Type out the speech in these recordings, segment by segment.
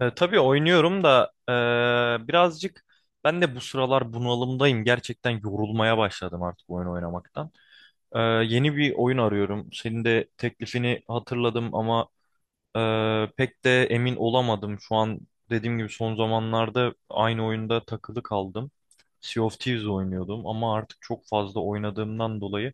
Tabii oynuyorum da birazcık ben de bu sıralar bunalımdayım. Gerçekten yorulmaya başladım artık oyun oynamaktan. Yeni bir oyun arıyorum. Senin de teklifini hatırladım ama e, pek de emin olamadım. Şu an dediğim gibi son zamanlarda aynı oyunda takılı kaldım. Sea of Thieves oynuyordum ama artık çok fazla oynadığımdan dolayı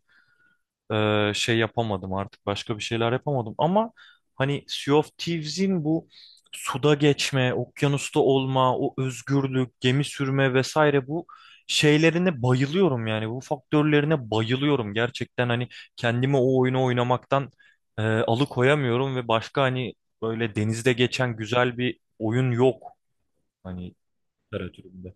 şey yapamadım artık başka bir şeyler yapamadım ama hani Sea of Thieves'in bu suda geçme, okyanusta olma, o özgürlük, gemi sürme vesaire bu şeylerine bayılıyorum yani bu faktörlerine bayılıyorum gerçekten hani kendimi o oyunu oynamaktan alıkoyamıyorum ve başka hani böyle denizde geçen güzel bir oyun yok hani literatüründe.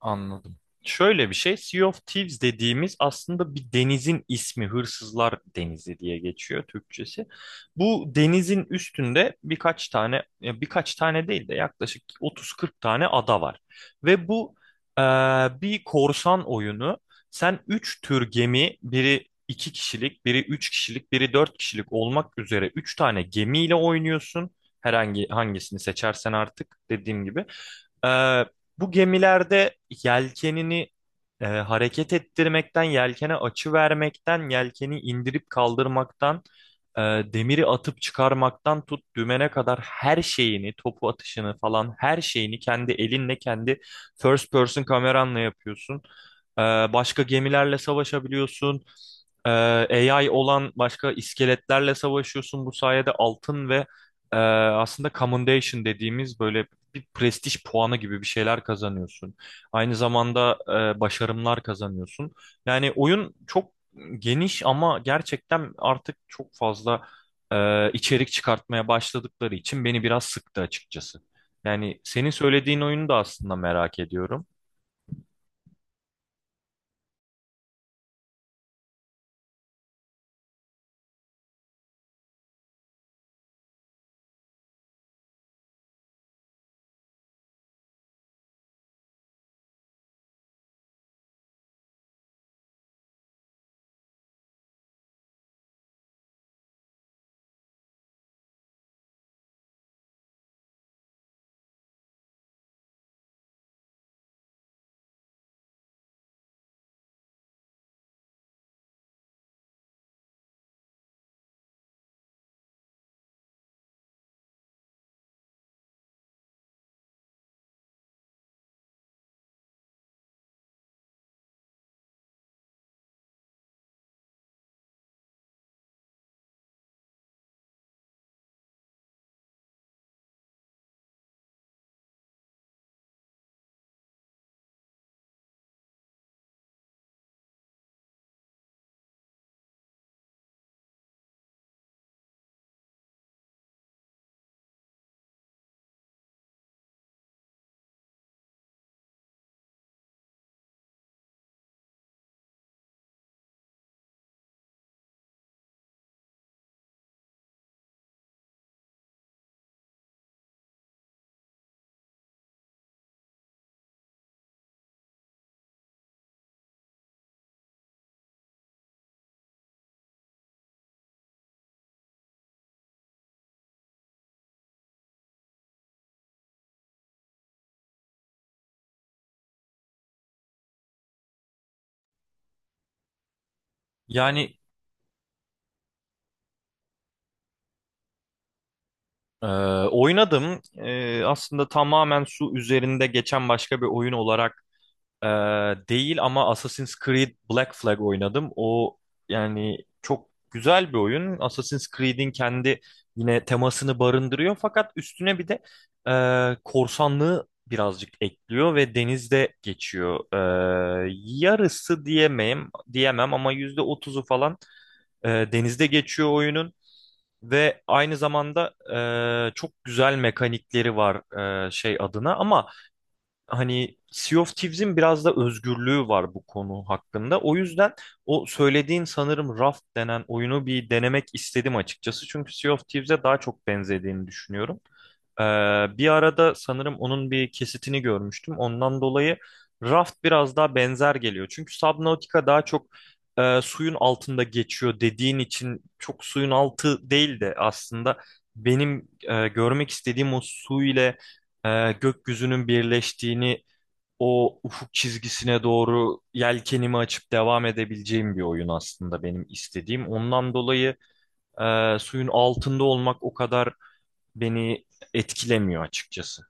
Anladım. Şöyle bir şey, Sea of Thieves dediğimiz aslında bir denizin ismi, Hırsızlar Denizi diye geçiyor Türkçesi. Bu denizin üstünde birkaç tane, ya birkaç tane değil de yaklaşık 30-40 tane ada var. Ve bu eee, bir korsan oyunu. Sen 3 tür gemi, biri 2 kişilik, biri 3 kişilik, biri 4 kişilik olmak üzere 3 tane gemiyle oynuyorsun. Herhangi hangisini seçersen artık dediğim gibi. Ee, Bu gemilerde yelkenini hareket ettirmekten, yelkene açı vermekten, yelkeni indirip kaldırmaktan, e, demiri atıp çıkarmaktan tut dümene kadar her şeyini, topu atışını falan her şeyini kendi elinle, kendi first person kameranla yapıyorsun. Ee, Başka gemilerle savaşabiliyorsun. Ee, AI olan başka iskeletlerle savaşıyorsun. Bu sayede altın ve aslında commendation dediğimiz böyle bir prestij puanı gibi bir şeyler kazanıyorsun. Aynı zamanda başarımlar kazanıyorsun. Yani oyun çok geniş ama gerçekten artık çok fazla içerik çıkartmaya başladıkları için beni biraz sıktı açıkçası. Yani senin söylediğin oyunu da aslında merak ediyorum. Yani e, oynadım. Aslında tamamen su üzerinde geçen başka bir oyun olarak Ee, değil ama Assassin's Creed Black Flag oynadım. O yani çok güzel bir oyun. Assassin's Creed'in kendi yine temasını barındırıyor fakat üstüne bir de korsanlığı birazcık ekliyor ve denizde geçiyor. Yarısı diyemem, diyemem ama %30'u falan denizde geçiyor oyunun. Ve aynı zamanda çok güzel mekanikleri var şey adına ama hani Sea of Thieves'in biraz da özgürlüğü var bu konu hakkında. O yüzden o söylediğin sanırım Raft denen oyunu bir denemek istedim açıkçası. Çünkü Sea of Thieves'e daha çok benzediğini düşünüyorum. Ee, Bir arada sanırım onun bir kesitini görmüştüm. Ondan dolayı Raft biraz daha benzer geliyor. Çünkü Subnautica daha çok suyun altında geçiyor dediğin için çok suyun altı değil de aslında benim görmek istediğim o su ile gökyüzünün birleştiğini o ufuk çizgisine doğru yelkenimi açıp devam edebileceğim bir oyun aslında benim istediğim. Ondan dolayı suyun altında olmak o kadar beni etkilemiyor açıkçası.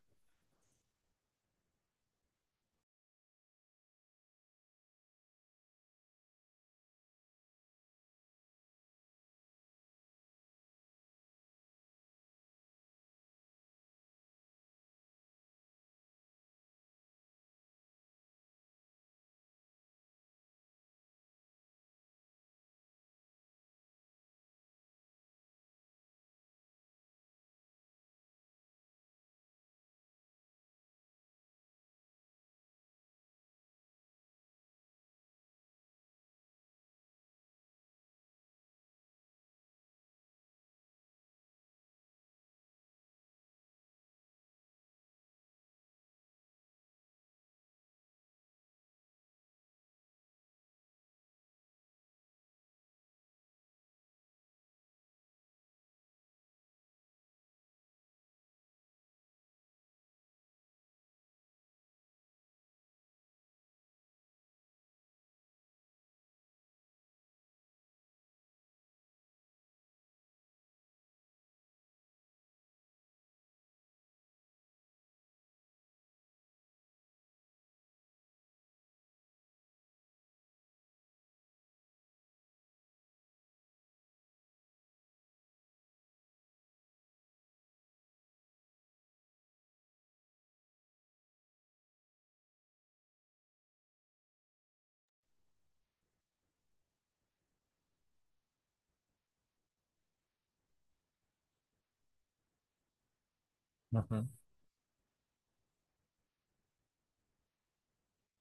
Hı hı.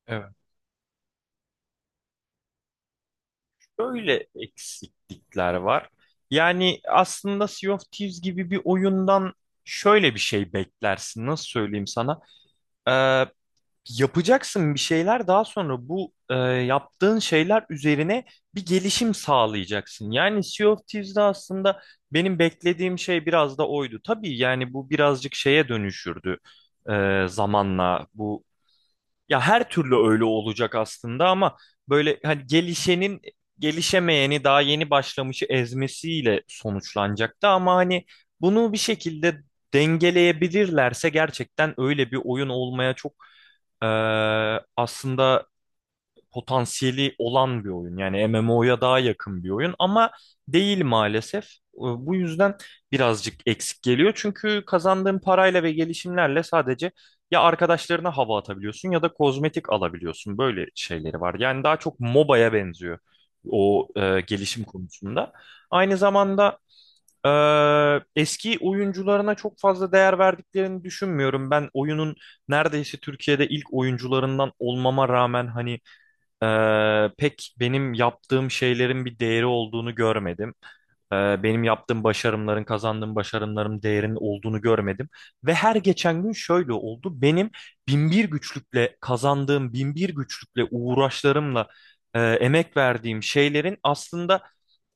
Evet. Böyle eksiklikler var. Yani aslında Sea of Thieves gibi bir oyundan şöyle bir şey beklersin. Nasıl söyleyeyim sana? E, Yapacaksın bir şeyler daha sonra bu yaptığın şeyler üzerine bir gelişim sağlayacaksın. Yani Sea of Thieves'de aslında benim beklediğim şey biraz da oydu. Tabii yani bu birazcık şeye dönüşürdü zamanla bu. Ya her türlü öyle olacak aslında ama böyle hani gelişenin gelişemeyeni daha yeni başlamışı ezmesiyle sonuçlanacaktı ama hani bunu bir şekilde dengeleyebilirlerse gerçekten öyle bir oyun olmaya çok e, aslında potansiyeli olan bir oyun. Yani MMO'ya daha yakın bir oyun ama değil maalesef. Bu yüzden birazcık eksik geliyor. Çünkü kazandığın parayla ve gelişimlerle sadece ya arkadaşlarına hava atabiliyorsun ya da kozmetik alabiliyorsun. Böyle şeyleri var. Yani daha çok MOBA'ya benziyor o gelişim konusunda. Aynı zamanda eski oyuncularına çok fazla değer verdiklerini düşünmüyorum. Ben oyunun neredeyse Türkiye'de ilk oyuncularından olmama rağmen hani pek benim yaptığım şeylerin bir değeri olduğunu görmedim. Benim yaptığım başarımların, kazandığım başarımların değerinin olduğunu görmedim. Ve her geçen gün şöyle oldu. Benim binbir güçlükle kazandığım, binbir güçlükle uğraşlarımla emek verdiğim şeylerin aslında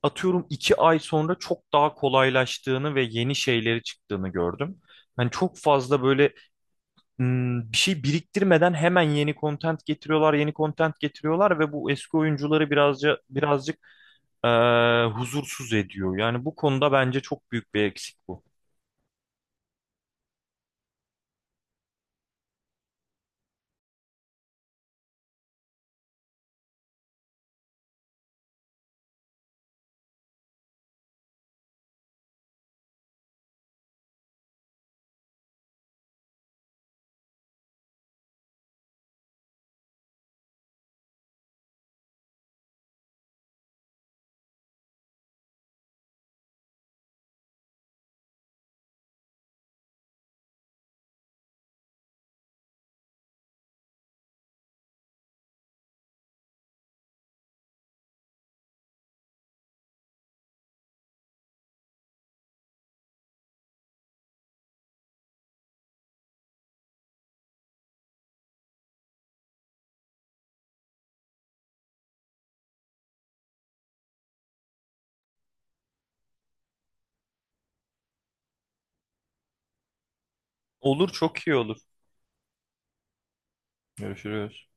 atıyorum 2 ay sonra çok daha kolaylaştığını ve yeni şeyleri çıktığını gördüm. Hani çok fazla böyle bir şey biriktirmeden hemen yeni content getiriyorlar, yeni content getiriyorlar ve bu eski oyuncuları birazcık huzursuz ediyor. Yani bu konuda bence çok büyük bir eksik bu. Olur çok iyi olur. Görüşürüz.